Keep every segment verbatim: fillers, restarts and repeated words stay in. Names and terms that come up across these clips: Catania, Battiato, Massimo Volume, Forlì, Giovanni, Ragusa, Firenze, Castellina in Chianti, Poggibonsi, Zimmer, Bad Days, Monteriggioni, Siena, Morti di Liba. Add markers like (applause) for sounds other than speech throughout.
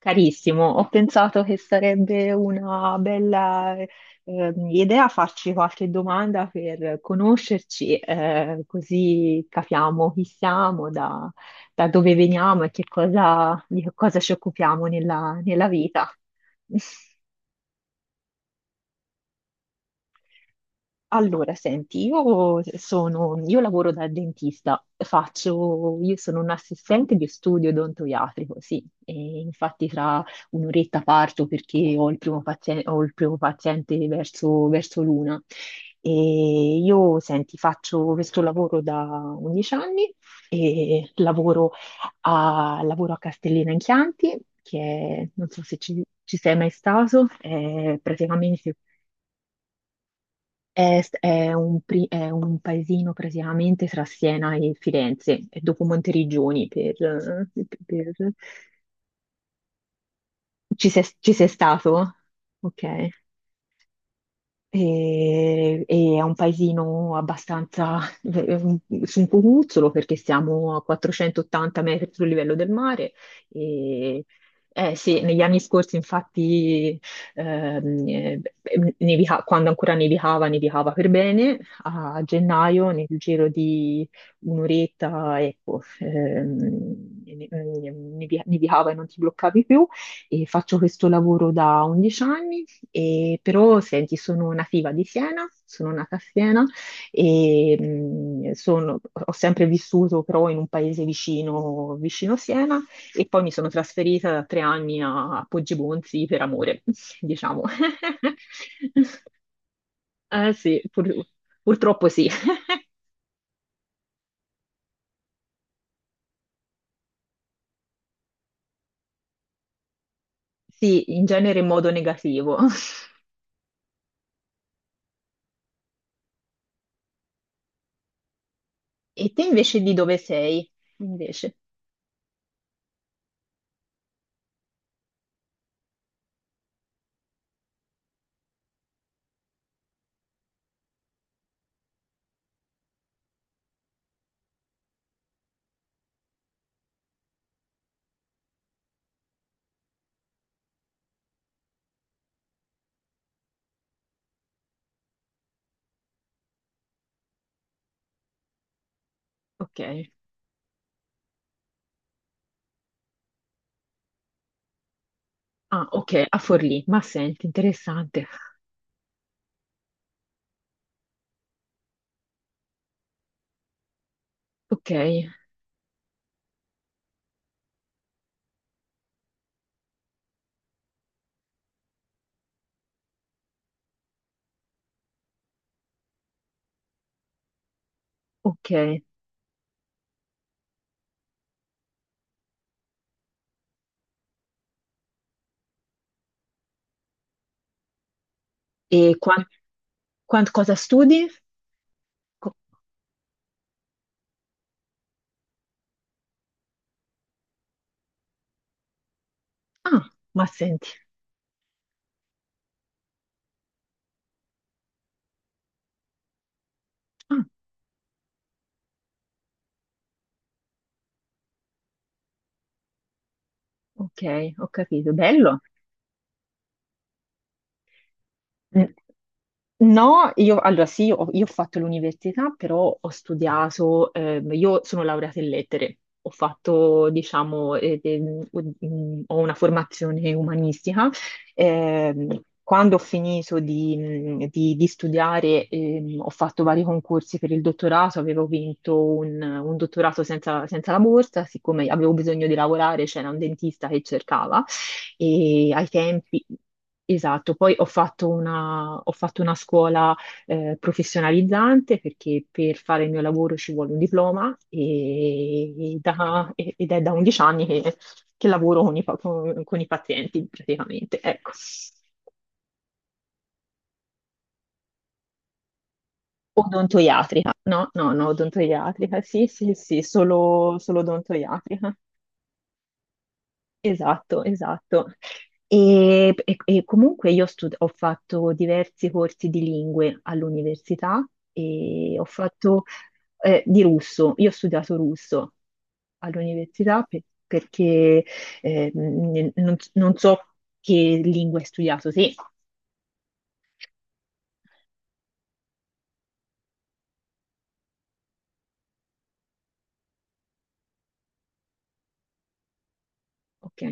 Carissimo, ho pensato che sarebbe una bella eh, idea farci qualche domanda per conoscerci, eh, così capiamo chi siamo, da, da dove veniamo e che cosa, di che cosa ci occupiamo nella, nella vita. Allora, senti, io sono, io lavoro da dentista, faccio, io sono un assistente di studio odontoiatrico, sì, e infatti tra un'oretta parto perché ho il primo paziente, ho il primo paziente verso, verso l'una. E io, senti, faccio questo lavoro da undici anni e lavoro a, lavoro a Castellina in Chianti, che è, non so se ci, ci sei mai stato, è praticamente è, è un, pri- è un paesino praticamente tra Siena e Firenze, e dopo Monteriggioni per, per- ci sei, ci sei stato? Ok. E, e è un paesino abbastanza (laughs) su un cucuzzolo perché siamo a quattrocentoottanta metri sul livello del mare. E, eh sì, negli anni scorsi infatti ehm, eh, nevica- quando ancora nevicava, nevicava per bene. A gennaio, nel giro di un'oretta, ecco, ehm, ne- ne- nevi- nevicava e non ti bloccavi più. E faccio questo lavoro da undici anni e però senti, sono nativa di Siena, sono nata a Siena e mh, sono- ho sempre vissuto però in un paese vicino, vicino Siena e poi mi sono trasferita da tre anni a Poggibonsi per amore, (laughs) diciamo. (laughs) Eh sì, pur- purtroppo sì. (laughs) Sì, in genere in modo negativo. (laughs) E te invece di dove sei? Invece, ok. Ah, ok, a Forlì. Ma senti, interessante. Ok, ok. E quanto? Quant- cosa studi? Co- ah, ma senti. Ah, ok, ho capito. Bello. Mm. No, io allora sì, ho- io ho fatto l'università, però ho studiato, ehm, io sono laureata in lettere, ho fatto, diciamo, eh, de- mm, ho una formazione umanistica. Ehm, quando ho finito di, mm, di- di studiare, ehm, ho fatto vari concorsi per il dottorato, avevo vinto un, un dottorato senza, senza la borsa, siccome avevo bisogno di lavorare, c'era un dentista che cercava. E ai tempi, esatto, poi ho fatto una, ho fatto una scuola eh, professionalizzante perché per fare il mio lavoro ci vuole un diploma e e da- e- ed è da undici anni che, che lavoro con i, pa- con- con i pazienti praticamente, ecco. Odontoiatrica, no, no, no, odontoiatrica, sì, sì, sì, solo, solo odontoiatrica. Esatto, esatto. E, e- e comunque io stud- ho fatto diversi corsi di lingue all'università e ho fatto eh, di russo. Io ho studiato russo all'università pe- perché eh, n- non, non so che lingua hai studiato. Sì, ok,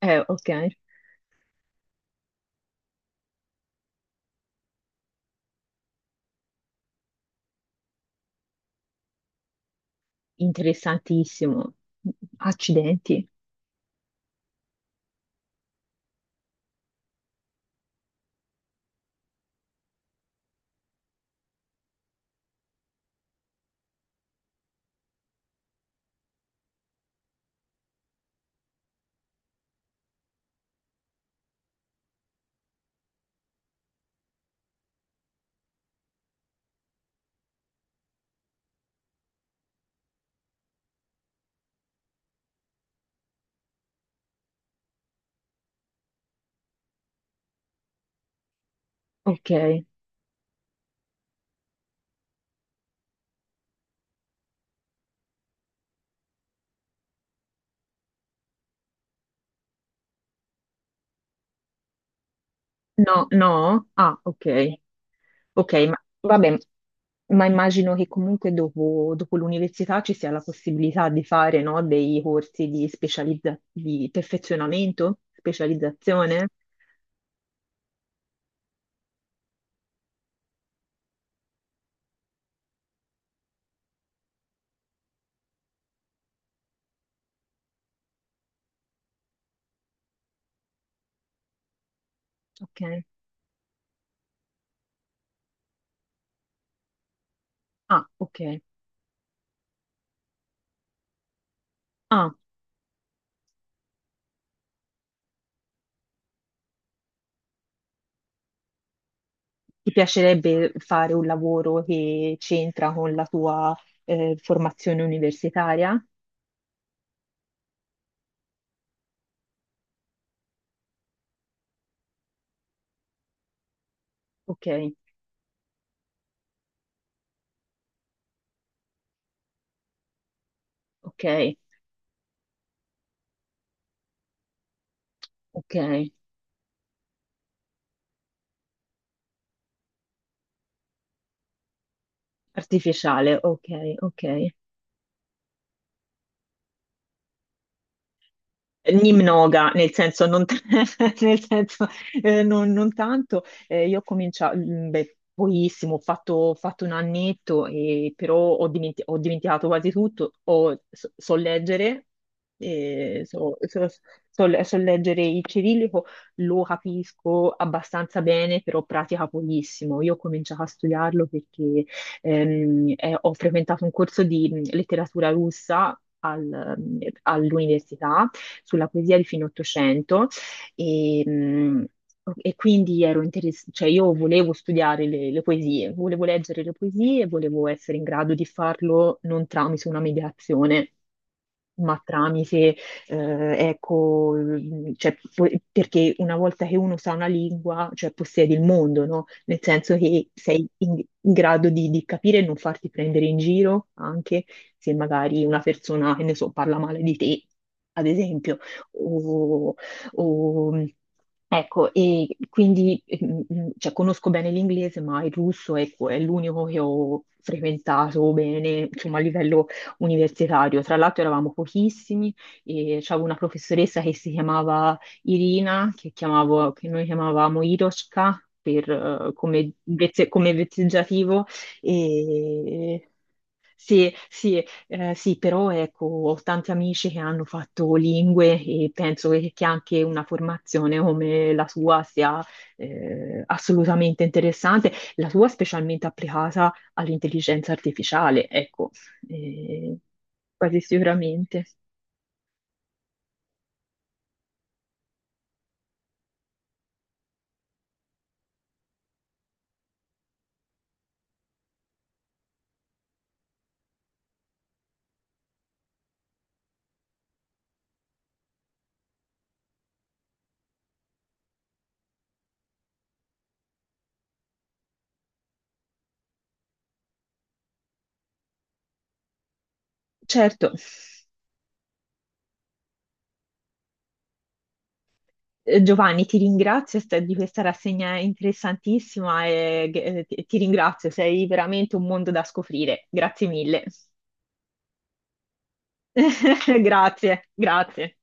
eh, ok, interessantissimo. Accidenti, ok. No, no, ah, ok. Ok, ma vabbè, ma immagino che comunque dopo, dopo l'università ci sia la possibilità di fare, no, dei corsi di specializza- di perfezionamento, specializzazione. Ok. Ah, ok. Ah, ti piacerebbe fare un lavoro che c'entra con la tua eh, formazione universitaria? Ok, ok, ok. Artificiale, ok, ok. Nimnoga, nel senso, non, t- (laughs) nel senso, eh, non- non tanto. Eh, io ho cominciato, mm, beh, pochissimo, ho fatto, ho fatto un annetto, e- però ho, dimenti- ho dimenticato quasi tutto. Ho- so, so leggere, eh, so, so- so le- so leggere il cirillico, lo capisco abbastanza bene, però pratica pochissimo. Io ho cominciato a studiarlo perché ehm, eh, ho frequentato un corso di mm, letteratura russa al- mm, all'università sulla poesia di fine Ottocento e, mh, e quindi ero interess- cioè io volevo studiare le, le poesie, volevo leggere le poesie e volevo essere in grado di farlo non tramite una mediazione ma tramite, eh, ecco, mh, cioè, po- perché una volta che uno sa una lingua, cioè possiedi il mondo, no? Nel senso che sei in, in grado di, di capire e non farti prendere in giro anche, se magari una persona, che ne so, parla male di te, ad esempio, o, o- ecco, e quindi mm, cioè, conosco bene l'inglese, ma il russo ecco, è l'unico che ho frequentato bene, insomma, a livello universitario. Tra l'altro eravamo pochissimi e c'avevo una professoressa che si chiamava Irina, che, chiamavo- che noi chiamavamo Iroshka per, eh, come, vez- come vezzeggiativo, e... Sì, sì, eh, sì, però ecco, ho tanti amici che hanno fatto lingue e penso che, che anche una formazione come la sua sia eh, assolutamente interessante, la sua specialmente applicata all'intelligenza artificiale, ecco, eh, quasi sicuramente. Certo, eh, Giovanni, ti ringrazio st- di questa rassegna interessantissima e eh, ti ti ringrazio, sei veramente un mondo da scoprire. Grazie mille. (laughs) Grazie, grazie.